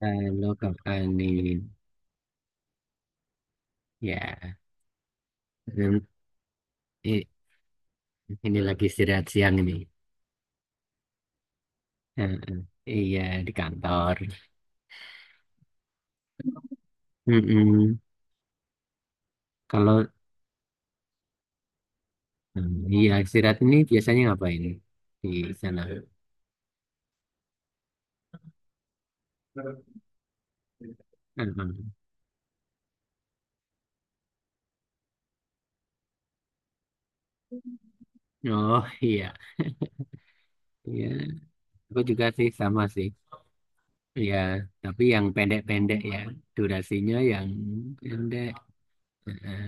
Halo Kak Fani, ya. Hmm, i- ini lagi istirahat siang ini. Heeh. Iya, di kantor. Mm-mm. Kalau iya, istirahat ini biasanya ngapain di sana? Heeh. Oh iya, iya. Aku juga sih, sama sih. Iya, tapi yang pendek-pendek ya, durasinya yang pendek. Heeh.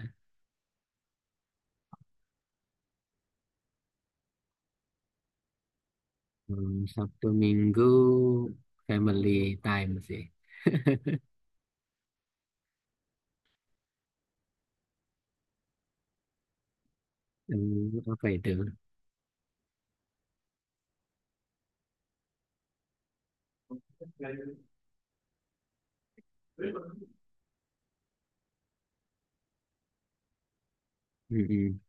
Hmm, Sabtu Minggu family time sih. Hmm, apa itu? Mm-mm.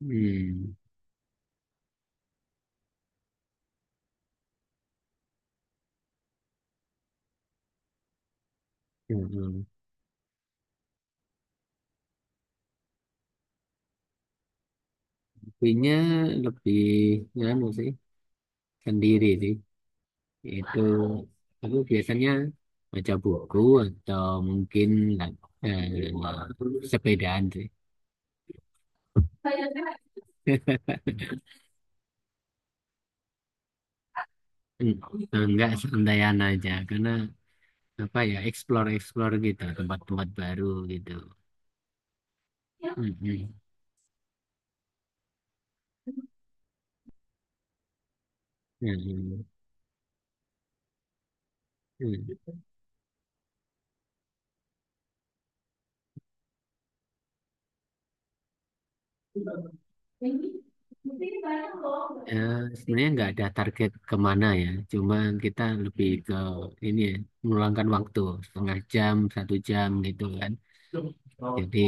Hmm. Ya, ya. Kopinya lebih nganu sih, sendiri sih. Itu aku biasanya baca buku atau mungkin eh, sepedaan sih. Hmm, enggak, santaian aja karena apa ya, explore explore gitu, tempat-tempat baru gitu. Mm-mm. Mm-mm. Ya, sebenarnya nggak ada target kemana ya. Cuman kita lebih ke ini ya, meluangkan waktu setengah jam, satu jam gitu kan. Jadi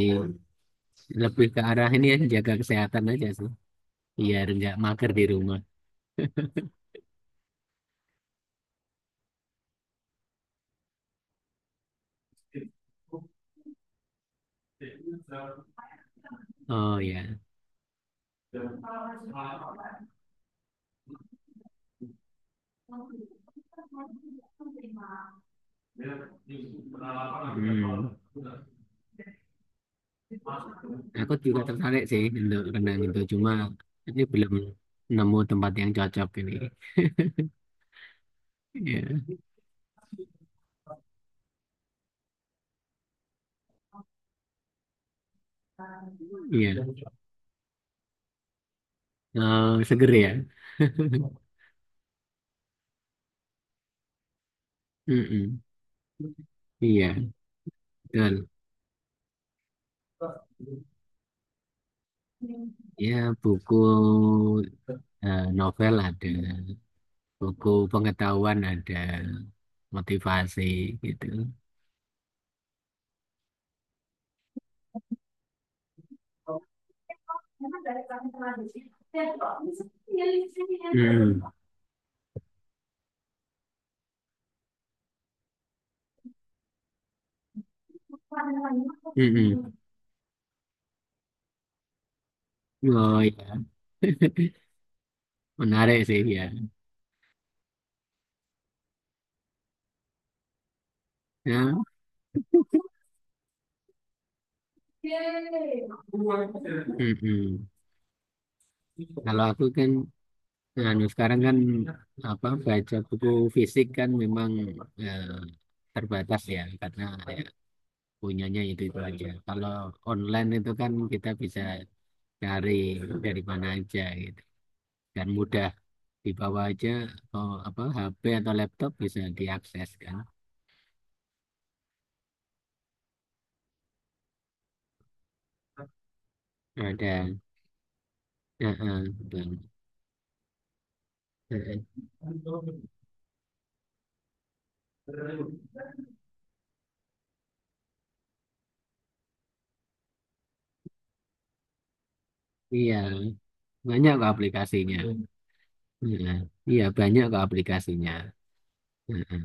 lebih ke arah ini ya, jaga kesehatan aja sih. Biar nggak mager di rumah. Oh ya. Hmm. Aku juga tertarik sih untuk renang itu, cuma ini belum nemu tempat yang cocok ini. Iya, iya. Eh, seger ya. Mm-mm. Iya, betul. Ya, buku novel ada, buku pengetahuan ada, motivasi gitu. Hmm. Mm-mm. Oh, iya. Menarik sih ya. Ya, mm-mm. Kalau aku kan anu, sekarang kan apa, baca buku fisik kan memang eh, terbatas ya karena ya, punyanya itu aja. Kalau online itu kan kita bisa cari dari mana aja gitu dan mudah dibawa aja, oh, apa HP atau laptop bisa diakses kan. Ada, betul. Eh, eh. Iya. Banyak kok aplikasinya. Hmm. Iya, iya, banyak kok aplikasinya. Heeh.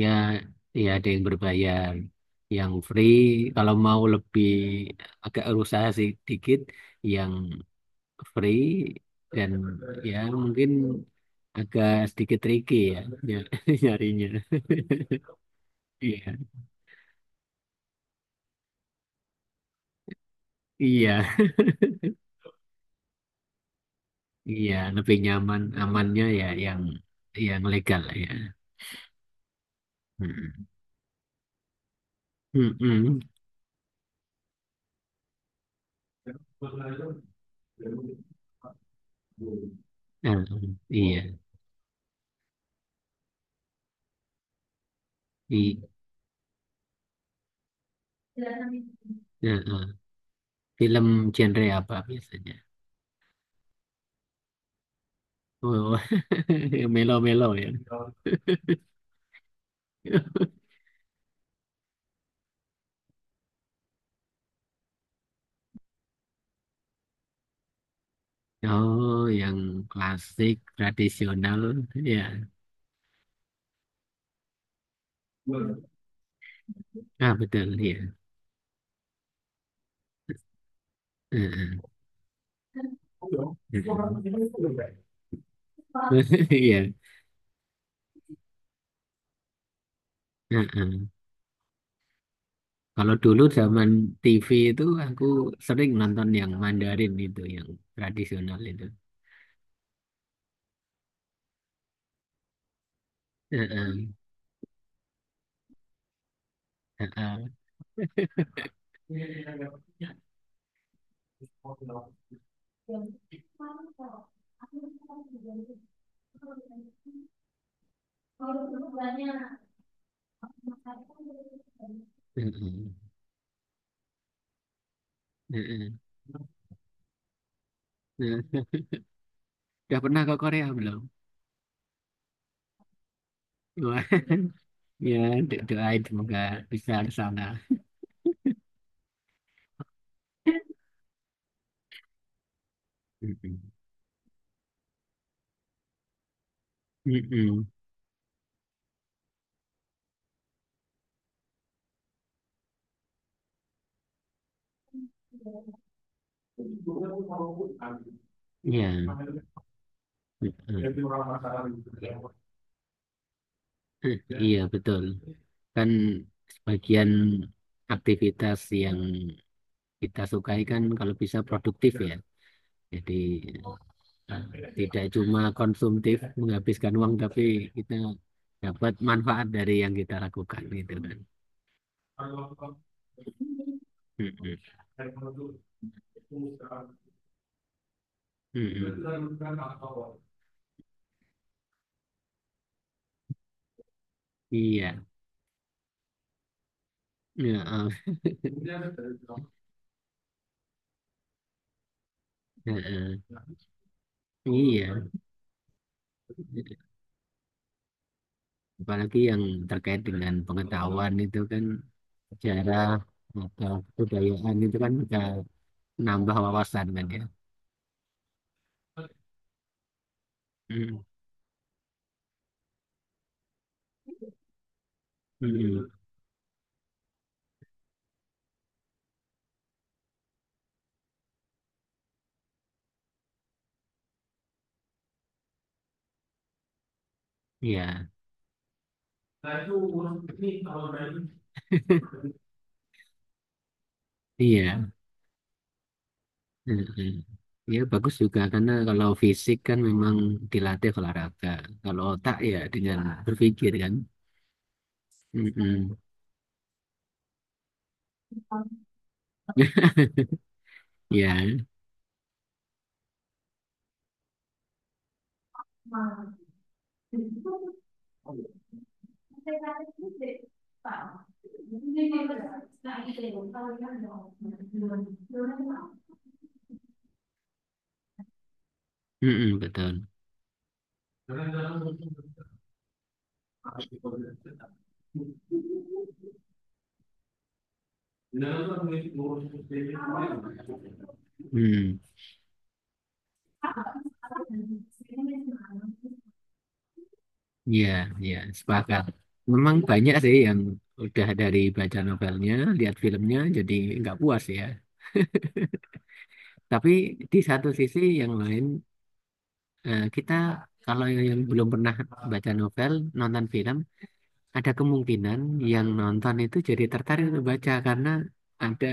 Ya, ya, ada yang berbayar, yang free. Kalau mau lebih agak usaha sedikit, yang free dan ya mungkin agak sedikit tricky ya ny- nyarinya. Iya, iya, iya, lebih nyaman amannya ya yang legal lah ya. Mm-mm. Mm-mm. Ah, iya, di ah, ah. Film genre apa biasanya? Oh, yang melo-melo ya. Oh, yang klasik, tradisional, ya. Ah, betul, iya. Ah, ah, ah. Iya. Heeh. Kalau dulu zaman TV itu aku sering nonton yang Mandarin itu, yang tradisional itu. Ah, ah. Ah, ah. Mm-mm. Mm-mm. Mm. Udah pernah ke Korea belum? Wah, ya, doain semoga bisa ke sana. Mm-mm. Mm-mm. Iya. Mm-mm. Eh, iya betul. Kan sebagian aktivitas yang kita sukai kan kalau bisa produktif ya. Jadi tidak cuma konsumtif menghabiskan uang, tapi kita dapat manfaat dari yang kita lakukan gitu kan. Mm-mm. Mm-mm. Iya, ya, eh, eh, eh, iya. Apalagi yang terkait dengan pengetahuan itu kan sejarah atau kebudayaan itu kan bisa nambah wawasan kan ya. Mm. Mm-mm. Iya. Nah itu urut ini kalau driving. Iya, heeh. Ya bagus juga karena kalau fisik kan memang dilatih olahraga, kalau otak ya dengan berpikir kan. Mm-mm. Ya, mm-mm, betul. Hmm. Iya, iya, sepakat. Memang banyak sih yang udah dari baca novelnya, lihat filmnya, jadi nggak puas ya. Tapi di satu sisi yang lain, eh, kita kalau yang belum pernah baca novel, nonton film, ada kemungkinan yang nonton itu jadi tertarik untuk baca karena ada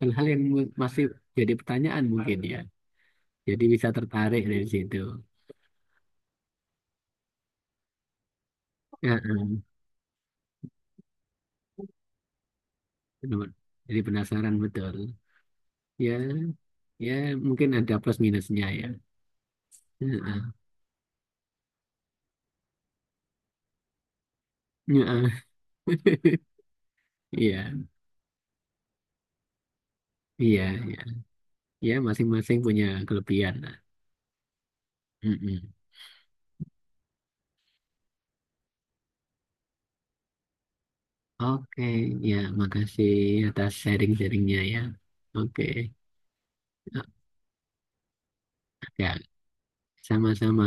hal-hal yang masih jadi pertanyaan mungkin ya. Jadi bisa tertarik dari situ. Ya, eh, benar. Jadi penasaran betul. Ya, ya, mungkin ada plus minusnya ya. Heeh. Heeh. Iya, iya, iya. Ya, masing-masing punya kelebihan lah. Mm-mm. Oke, ya, makasih atas sharing-sharingnya ya. Oke, ya, sama-sama.